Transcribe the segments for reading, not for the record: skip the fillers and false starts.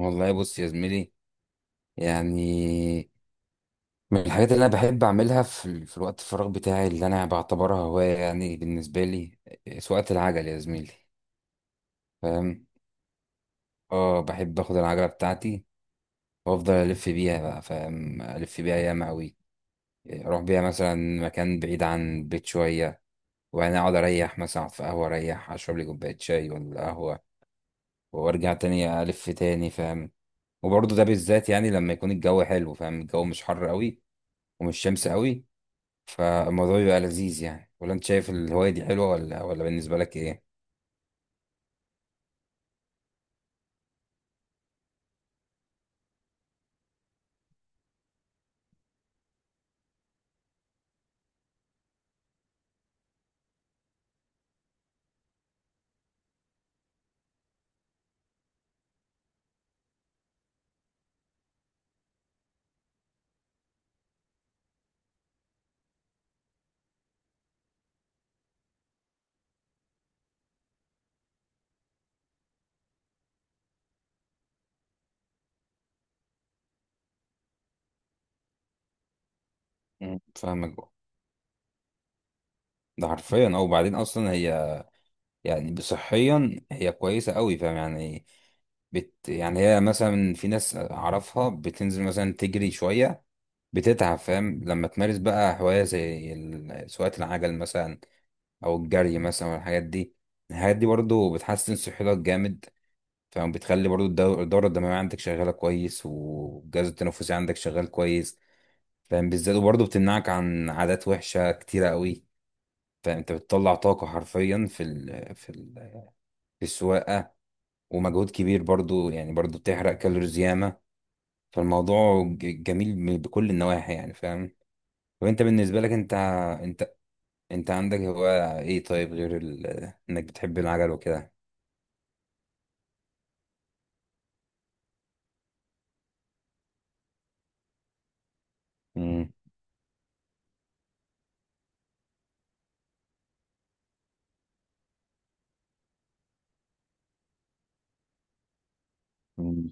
والله بص يا زميلي. يعني من الحاجات اللي انا بحب اعملها في الوقت الفراغ بتاعي اللي انا بعتبرها هوايه يعني بالنسبه لي، سواقه العجل يا زميلي، فاهم؟ اه بحب اخد العجله بتاعتي وافضل الف بيها بقى، فاهم؟ الف بيها ياما قوي. اروح بيها مثلا مكان بعيد عن البيت شويه، وبعدين اقعد اريح، مثلا أقعد في قهوه اريح اشرب لي كوبايه شاي ولا قهوه، وارجع تاني الف تاني، فاهم؟ وبرضه ده بالذات يعني لما يكون الجو حلو، فاهم؟ الجو مش حر قوي ومش شمس قوي، فالموضوع بيبقى لذيذ يعني. ولا انت شايف الهواية دي حلوة ولا بالنسبة لك ايه؟ مم. فاهمك. ده حرفيا. او بعدين اصلا هي يعني صحيا هي كويسة قوي، فاهم يعني؟ يعني هي مثلا في ناس اعرفها بتنزل مثلا تجري شوية بتتعب، فاهم؟ لما تمارس بقى هواية زي سواقة العجل مثلا او الجري مثلا والحاجات دي، الحاجات دي برضو بتحسن صحتك جامد، فاهم؟ بتخلي برضو الدورة الدموية عندك شغالة كويس والجهاز التنفسي عندك شغال كويس، فاهم؟ بالذات. وبرضه بتمنعك عن عادات وحشة كتيرة قوي. فانت بتطلع طاقة حرفيا في السواقة، ومجهود كبير برضه يعني، برضه بتحرق كالوريز ياما. فالموضوع جميل بكل النواحي يعني، فاهم؟ طب انت بالنسبة لك انت انت عندك هواية ايه طيب غير انك بتحب العجل وكده؟ امم أمم،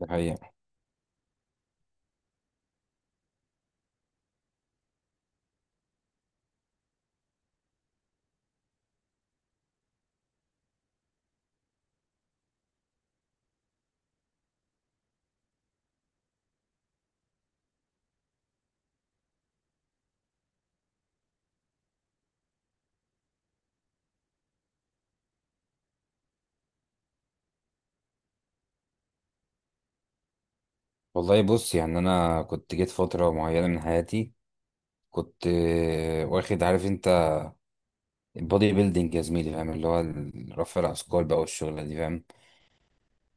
ده حقيقة. والله بص يعني انا كنت جيت فترة معينة من حياتي، كنت واخد، عارف انت، بودي بيلدينج يا زميلي، فاهم؟ اللي هو رفع الاثقال بقى والشغله دي، فاهم؟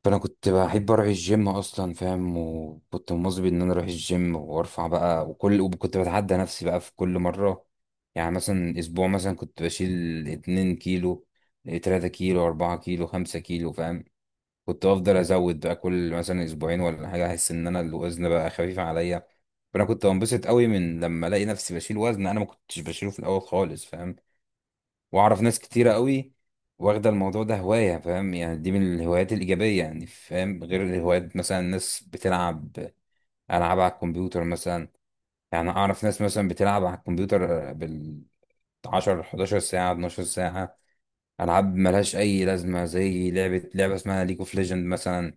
فانا كنت بحب اروح الجيم اصلا، فاهم؟ وكنت مواظب ان انا اروح الجيم وارفع بقى وكل، وكنت بتعدى نفسي بقى في كل مره. يعني مثلا اسبوع مثلا كنت بشيل 2 كيلو، 3 كيلو، 4 كيلو، 5 كيلو، فاهم؟ كنت افضل ازود بقى كل مثلا اسبوعين ولا حاجه، احس ان انا الوزن بقى خفيف عليا، فانا كنت بنبسط قوي من لما الاقي نفسي بشيل وزن انا ما كنتش بشيله في الاول خالص، فاهم؟ واعرف ناس كتيرة قوي واخدة الموضوع ده هواية، فاهم؟ يعني دي من الهوايات الإيجابية يعني، فاهم؟ غير الهوايات مثلا ناس بتلعب ألعاب على الكمبيوتر مثلا. يعني أعرف ناس مثلا بتلعب على الكمبيوتر بال 10، 11 ساعة، 12 ساعة، ألعاب ملهاش أي لازمة، زي لعبة اسمها ليج اوف ليجند مثلا،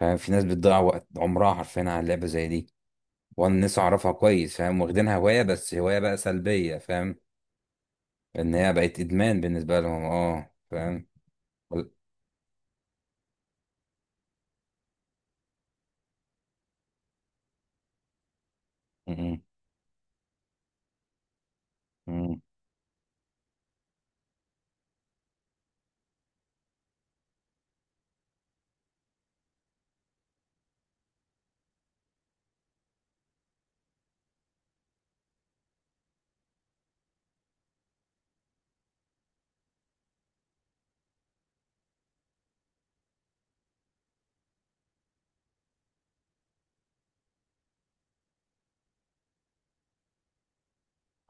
فاهم؟ في ناس بتضيع وقت عمرها حرفيا على لعبة زي دي. وأنا ناس أعرفها كويس، فاهم؟ واخدينها هواية بس هواية بقى سلبية، فاهم؟ إن هي بقت إدمان بالنسبة لهم. فاهم. مم.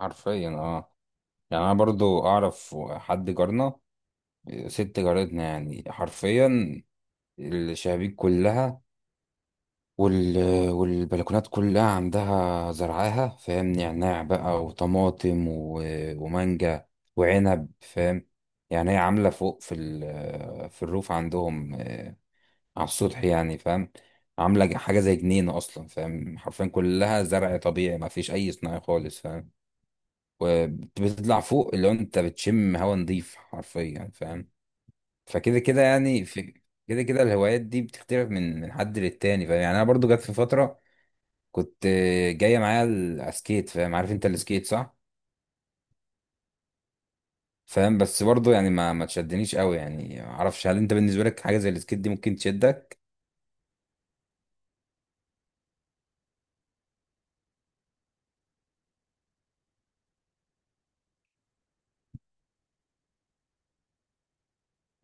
حرفيا. اه يعني انا برضو اعرف حد جارنا، ست جارتنا، يعني حرفيا الشبابيك كلها وال... والبلكونات كلها عندها زرعاها، فاهم؟ نعناع بقى وطماطم ومانجا وعنب، فاهم؟ يعني هي عاملة فوق في الروف عندهم، على السطح يعني، فاهم؟ عاملة حاجة زي جنينة أصلا، فاهم؟ حرفيا كلها زرع طبيعي ما فيش أي صناعي خالص، فاهم؟ وبتطلع فوق اللي هو انت بتشم هوا نضيف حرفيا يعني، فاهم؟ فكده كده يعني في كده كده الهوايات دي بتختلف من حد للتاني، فاهم؟ يعني انا برضو جت في فتره كنت جايه معايا على السكيت، فاهم؟ عارف انت السكيت صح؟ فاهم. بس برضو يعني ما تشدنيش قوي يعني. ما اعرفش هل انت بالنسبه لك حاجه زي السكيت دي ممكن تشدك؟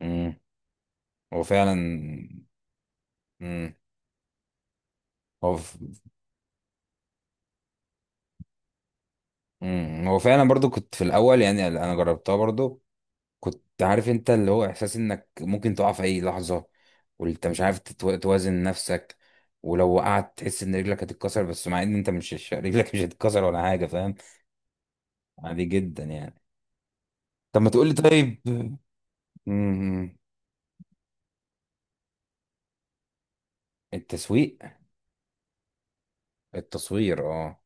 امم هو فعلا. امم هو ف- مم. هو فعلا. برضو كنت في الاول يعني انا جربتها برضو، كنت عارف انت اللي هو احساس انك ممكن تقع في اي لحظة وانت مش عارف توازن نفسك، ولو وقعت تحس ان رجلك هتتكسر، بس مع ان انت مش رجلك مش هتتكسر ولا حاجة، فاهم؟ عادي جدا يعني. طب ما تقول لي طيب. امم، التسويق التصوير. اه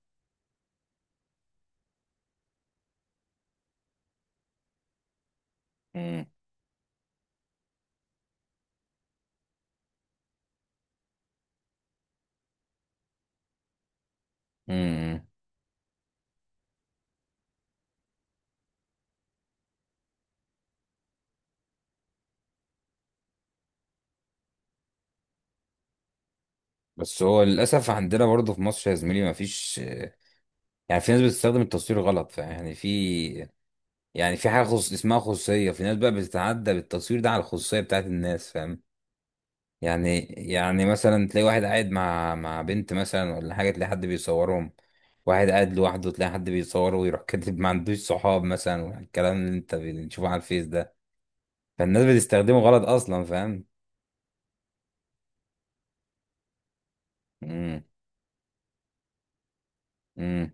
امم، امم. بس هو للاسف عندنا برضه في مصر يا زميلي ما فيش، يعني في ناس بتستخدم التصوير غلط، فيعني في يعني في حاجة اسمها خصوصية. في ناس بقى بتتعدى بالتصوير ده على الخصوصية بتاعت الناس، فاهم؟ يعني مثلا تلاقي واحد قاعد مع بنت مثلا ولا حاجة، تلاقي حد بيصورهم. واحد قاعد لوحده تلاقي حد بيصوره ويروح كاتب ما عندوش صحاب مثلا، والكلام اللي انت بتشوفه على الفيس ده. فالناس بتستخدمه غلط اصلا، فاهم؟ امم امم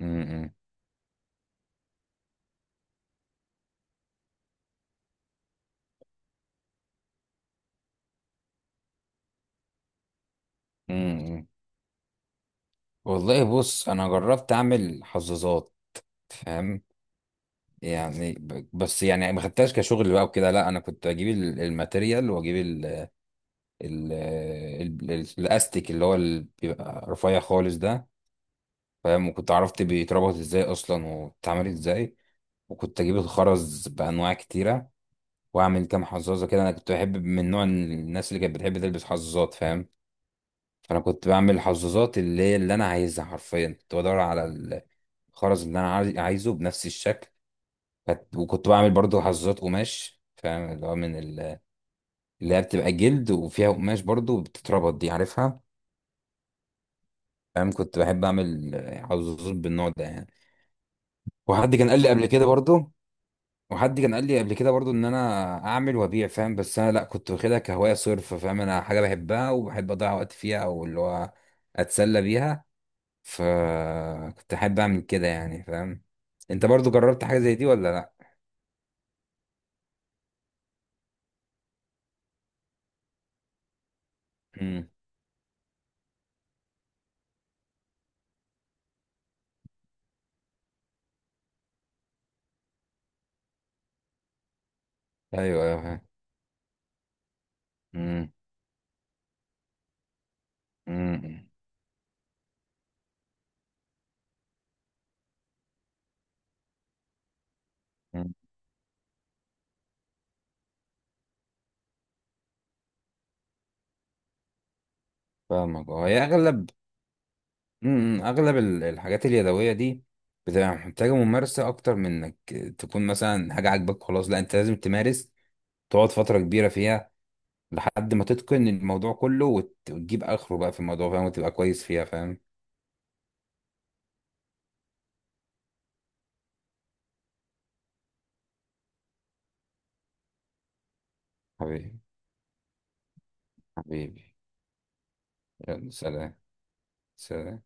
امم امم والله بص انا جربت اعمل حظاظات، فاهم؟ يعني بس يعني ما خدتهاش كشغل بقى وكده، لا انا كنت اجيب الماتيريال، واجيب الاستيك اللي هو بيبقى رفيع خالص ده، فاهم؟ وكنت عرفت بيتربط ازاي اصلا وبتتعمل ازاي. وكنت اجيب الخرز بانواع كتيره، واعمل كام حظاظه كده. انا كنت بحب من نوع الناس اللي كانت بتحب تلبس حظاظات، فاهم؟ فانا كنت بعمل الحظاظات اللي هي اللي انا عايزها حرفيا. كنت بدور على الخرز اللي انا عايزه بنفس الشكل. وكنت بعمل برضو حظاظات قماش، فاهم؟ اللي هو من اللي هي بتبقى جلد وفيها قماش برضو، بتتربط دي عارفها؟ فاهم. كنت بحب اعمل حظاظات بالنوع ده يعني. وحد كان قال لي قبل كده برضو وحد كان قال لي قبل كده برضو ان انا اعمل وابيع، فاهم؟ بس انا لا، كنت واخدها كهوايه صرف، فاهم؟ انا حاجه بحبها وبحب اضيع وقت فيها، او اللي هو اتسلى بيها. فكنت احب اعمل كده يعني، فاهم؟ انت برضو جربت حاجه زي دي ولا لا؟ امم ايوه، ايوه، فاهم. امم امم أمم. فاهمك. اه هي اغلب اغلب الحاجات اليدويه دي بتبقى محتاجه ممارسه اكتر من انك تكون مثلا حاجه عاجباك خلاص، لا انت لازم تمارس، تقعد فتره كبيره فيها لحد ما تتقن الموضوع كله وتجيب اخره بقى في الموضوع، فاهم؟ وتبقى كويس فيها، فاهم؟ حبيبي حبيبي، يلا سلام. سلام.